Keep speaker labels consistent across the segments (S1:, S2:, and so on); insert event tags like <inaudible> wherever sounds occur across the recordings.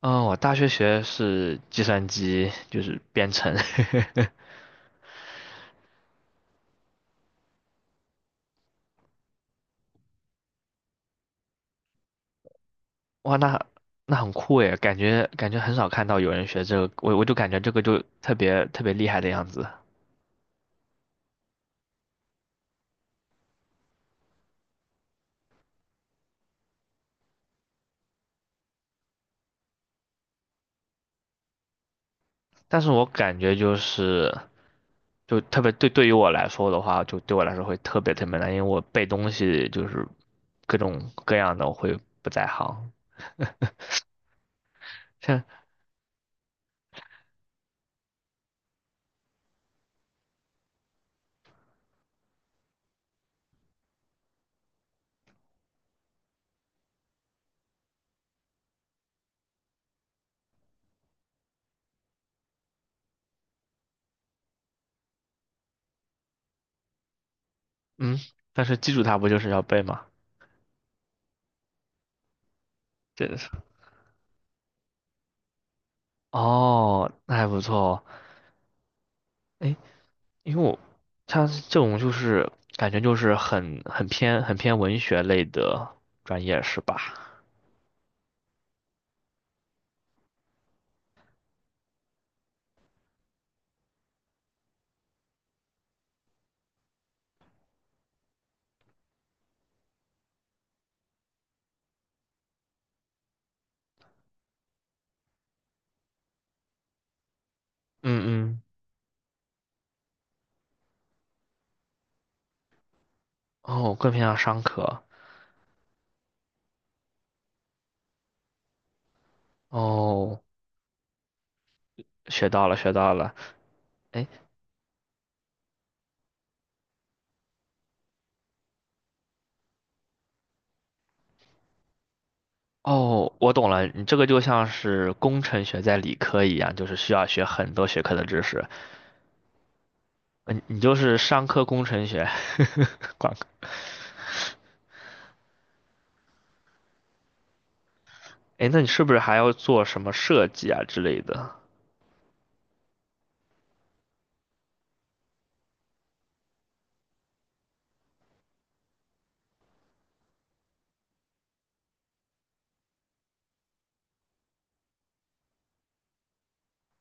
S1: 嗯，我大学学的是计算机，就是编程。<laughs> 哇，那很酷诶，感觉很少看到有人学这个，我就感觉这个就特别特别厉害的样子。但是我感觉就是，就特别对于我来说的话，就对我来说会特别特别难，因为我背东西就是各种各样的，我会不在行。<laughs> 像嗯，但是基础它不就是要背吗？真的是哦，那还不错哦。哎因为我他这种就是感觉就是很偏文学类的专业是吧？嗯嗯，哦，更偏向商科。哦，学到了学到了。哎，哦，我懂了，你这个就像是工程学在理科一样，就是需要学很多学科的知识。嗯，你就是商科工程学，<laughs> 管。哎，那你是不是还要做什么设计啊之类的？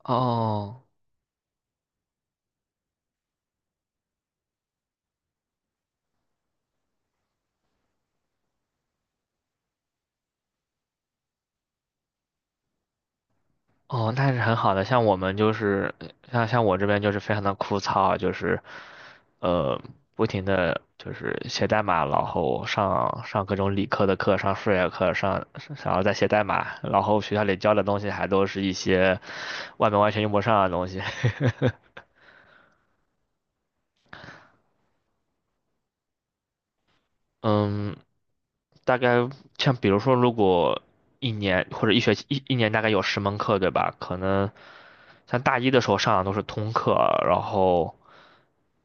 S1: 哦哦，那是很好的。像我这边就是非常的枯燥，就是，呃，不停的就是写代码，然后上各种理科的课，上数学课，然后再写代码，然后学校里教的东西还都是一些外面完全用不上的东西。<laughs> 嗯，大概像比如说，如果一年或者一学期一年大概有十门课，对吧？可能像大一的时候上的都是通课，然后。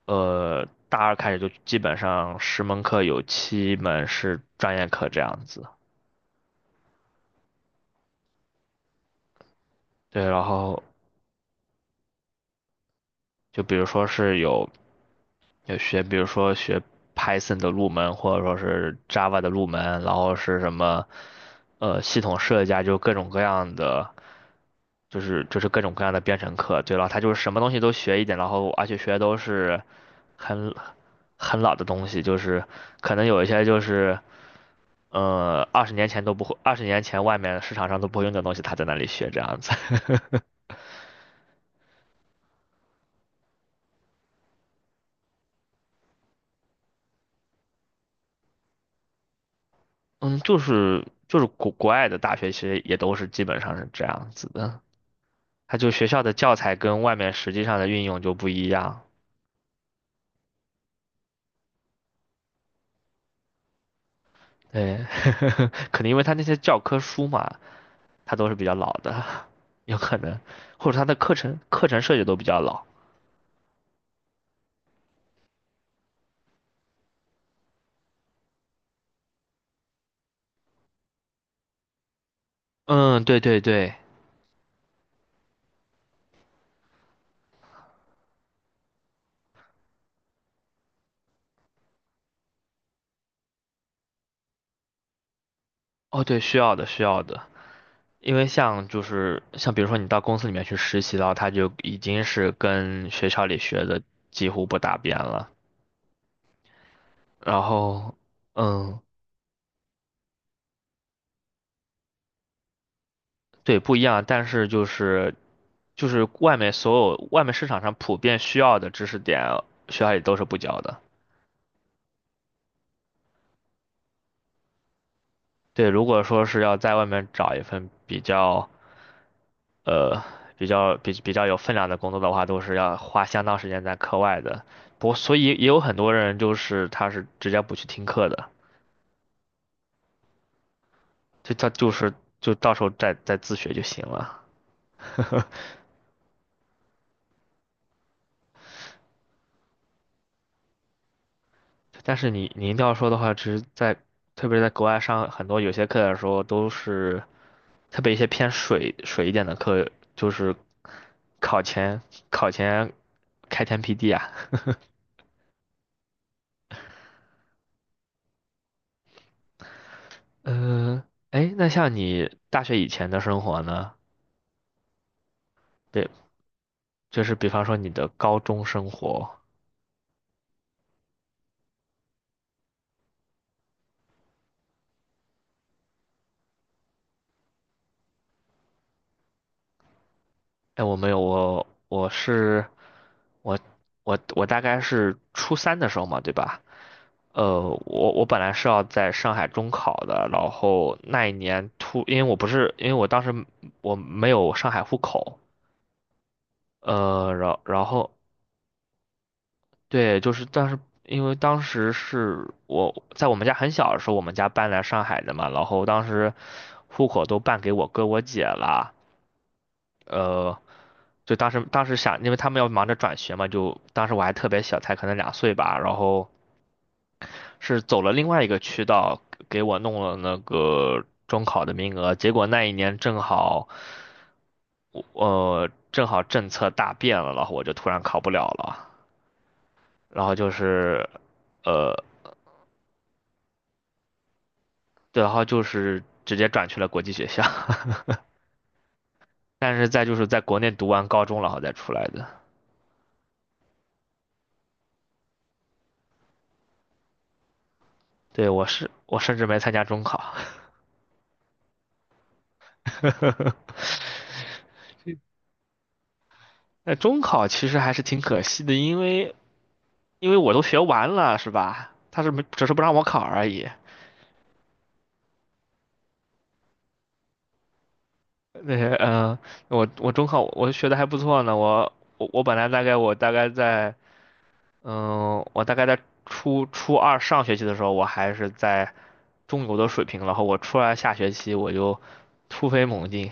S1: 大二开始就基本上十门课有7门是专业课这样子。对，然后就比如说是有有学，比如说学 Python 的入门，或者说是 Java 的入门，然后是什么系统设计啊，就各种各样的，就是各种各样的编程课。对，然后他就是什么东西都学一点，然后而且学的都是很很老的东西，可能有一些。二十年前都不会，二十年前外面市场上都不会用的东西，他在那里学这样子。<laughs> 嗯，就是国外的大学其实也都是基本上是这样子的，他就学校的教材跟外面实际上的运用就不一样。对，<laughs> 可能因为他那些教科书嘛，他都是比较老的，有可能，或者他的课程设计都比较老。嗯，对对对，哦对，需要的需要的。因为像就是像比如说你到公司里面去实习的话，他就已经是跟学校里学的几乎不搭边了。然后，嗯，对，不一样，但是就是外面市场上普遍需要的知识点，学校里都是不教的。对，如果说是要在外面找一份呃比较有分量的工作的话，都是要花相当时间在课外的。不，所以也有很多人就是他是直接不去听课的。就他就是就到时候再自学就行了。<laughs> 但是你一定要说的话，其实特别是在国外上很多有些课的时候，都是特别一些偏水一点的课，就是考前考前开天辟地啊。<laughs> 嗯、哎，那像你大学以前的生活呢？对，就是比方说你的高中生活。哎，我没有，我我大概是初三的时候嘛，对吧？我本来是要在上海中考的，然后那一年因为我不是，因为我当时没有上海户口，然后对，就是但是因为当时是我在我们家很小的时候，我们家搬来上海的嘛，然后当时户口都办给我哥我姐了，呃，就当时想，因为他们要忙着转学嘛，就当时我还特别小，才可能2岁吧，然后是走了另外一个渠道，给我弄了那个中考的名额。结果那一年正好，正好政策大变了，然后我就突然考不了了。然后就是，呃，对，然后就是直接转去了国际学校。<laughs> 但是再就是在国内读完高中，然后再出来的。对，我甚至没参加中考。<laughs> 那中考其实还是挺可惜的，因为我都学完了，是吧？他是没只是不让我考而已。<laughs> 那些嗯，我中考我学的还不错呢，我我本来大概我大概在嗯，我大概在初初二上学期的时候，我还是在中游的水平，然后我初二下学期就突飞猛进，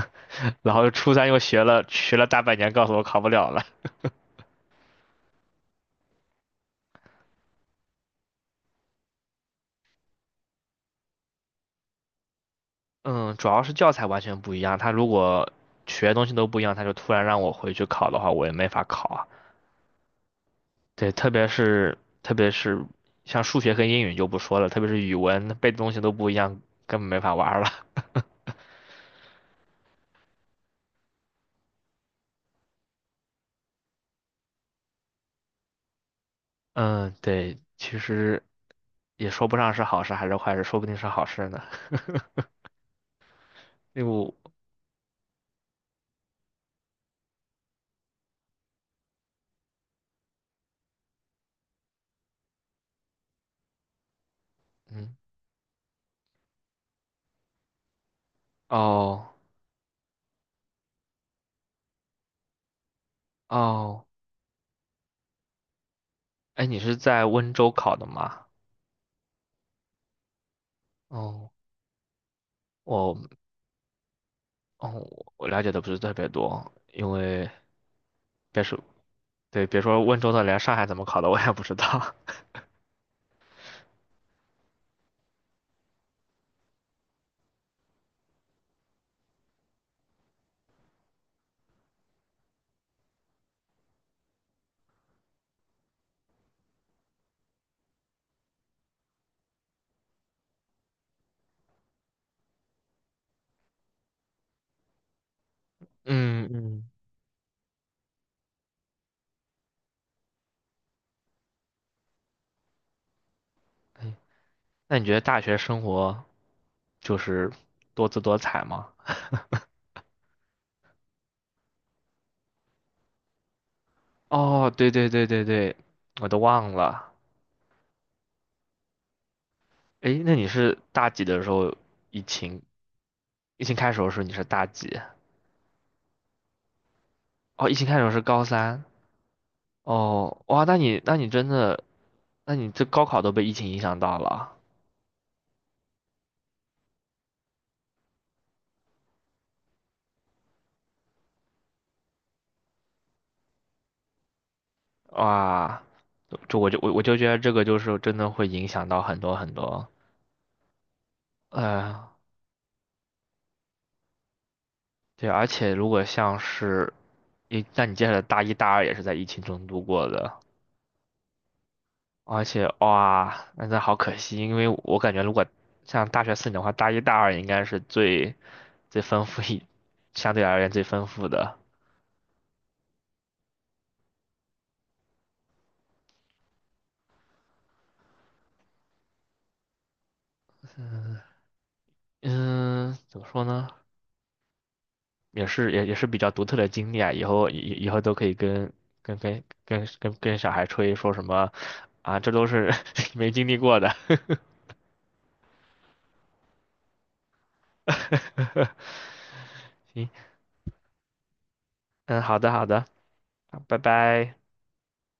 S1: <laughs> 然后初三又学了学了大半年，告诉我考不了了。嗯，主要是教材完全不一样，他如果学的东西都不一样，他就突然让我回去考的话，我也没法考啊。对，特别是像数学和英语就不说了，特别是语文背的东西都不一样，根本没法玩儿了。<laughs> 嗯，对，其实也说不上是好事还是坏事，说不定是好事呢。<laughs> 因为我，嗯，哦哦，哎，你是在温州考的吗？哦，我哦，我了解的不是特别多，因为别说对，别说温州的，连上海怎么考的我也不知道。<laughs> 嗯嗯。哎。那你觉得大学生活就是多姿多彩吗？哦，对对对对对，我都忘了。诶，那你是大几的时候？疫情疫情开始的时候你是大几？哦，疫情开始的时候是高三。哦，哇，那你真的，那你这高考都被疫情影响到了。哇，就我就我我就觉得这个就是真的会影响到很多很多。呃，对，而且如果像是，那你接下来大一大二也是在疫情中度过的，而且哇，那真的好可惜，因为我感觉如果像大学4年的话，大一大二应该是最丰富一，相对而言最丰富的。嗯，怎么说呢？也是比较独特的经历啊，以后都可以跟小孩吹说什么啊，这都是 <laughs> 没经历过的。<laughs> 行，嗯，好的好的，好拜拜。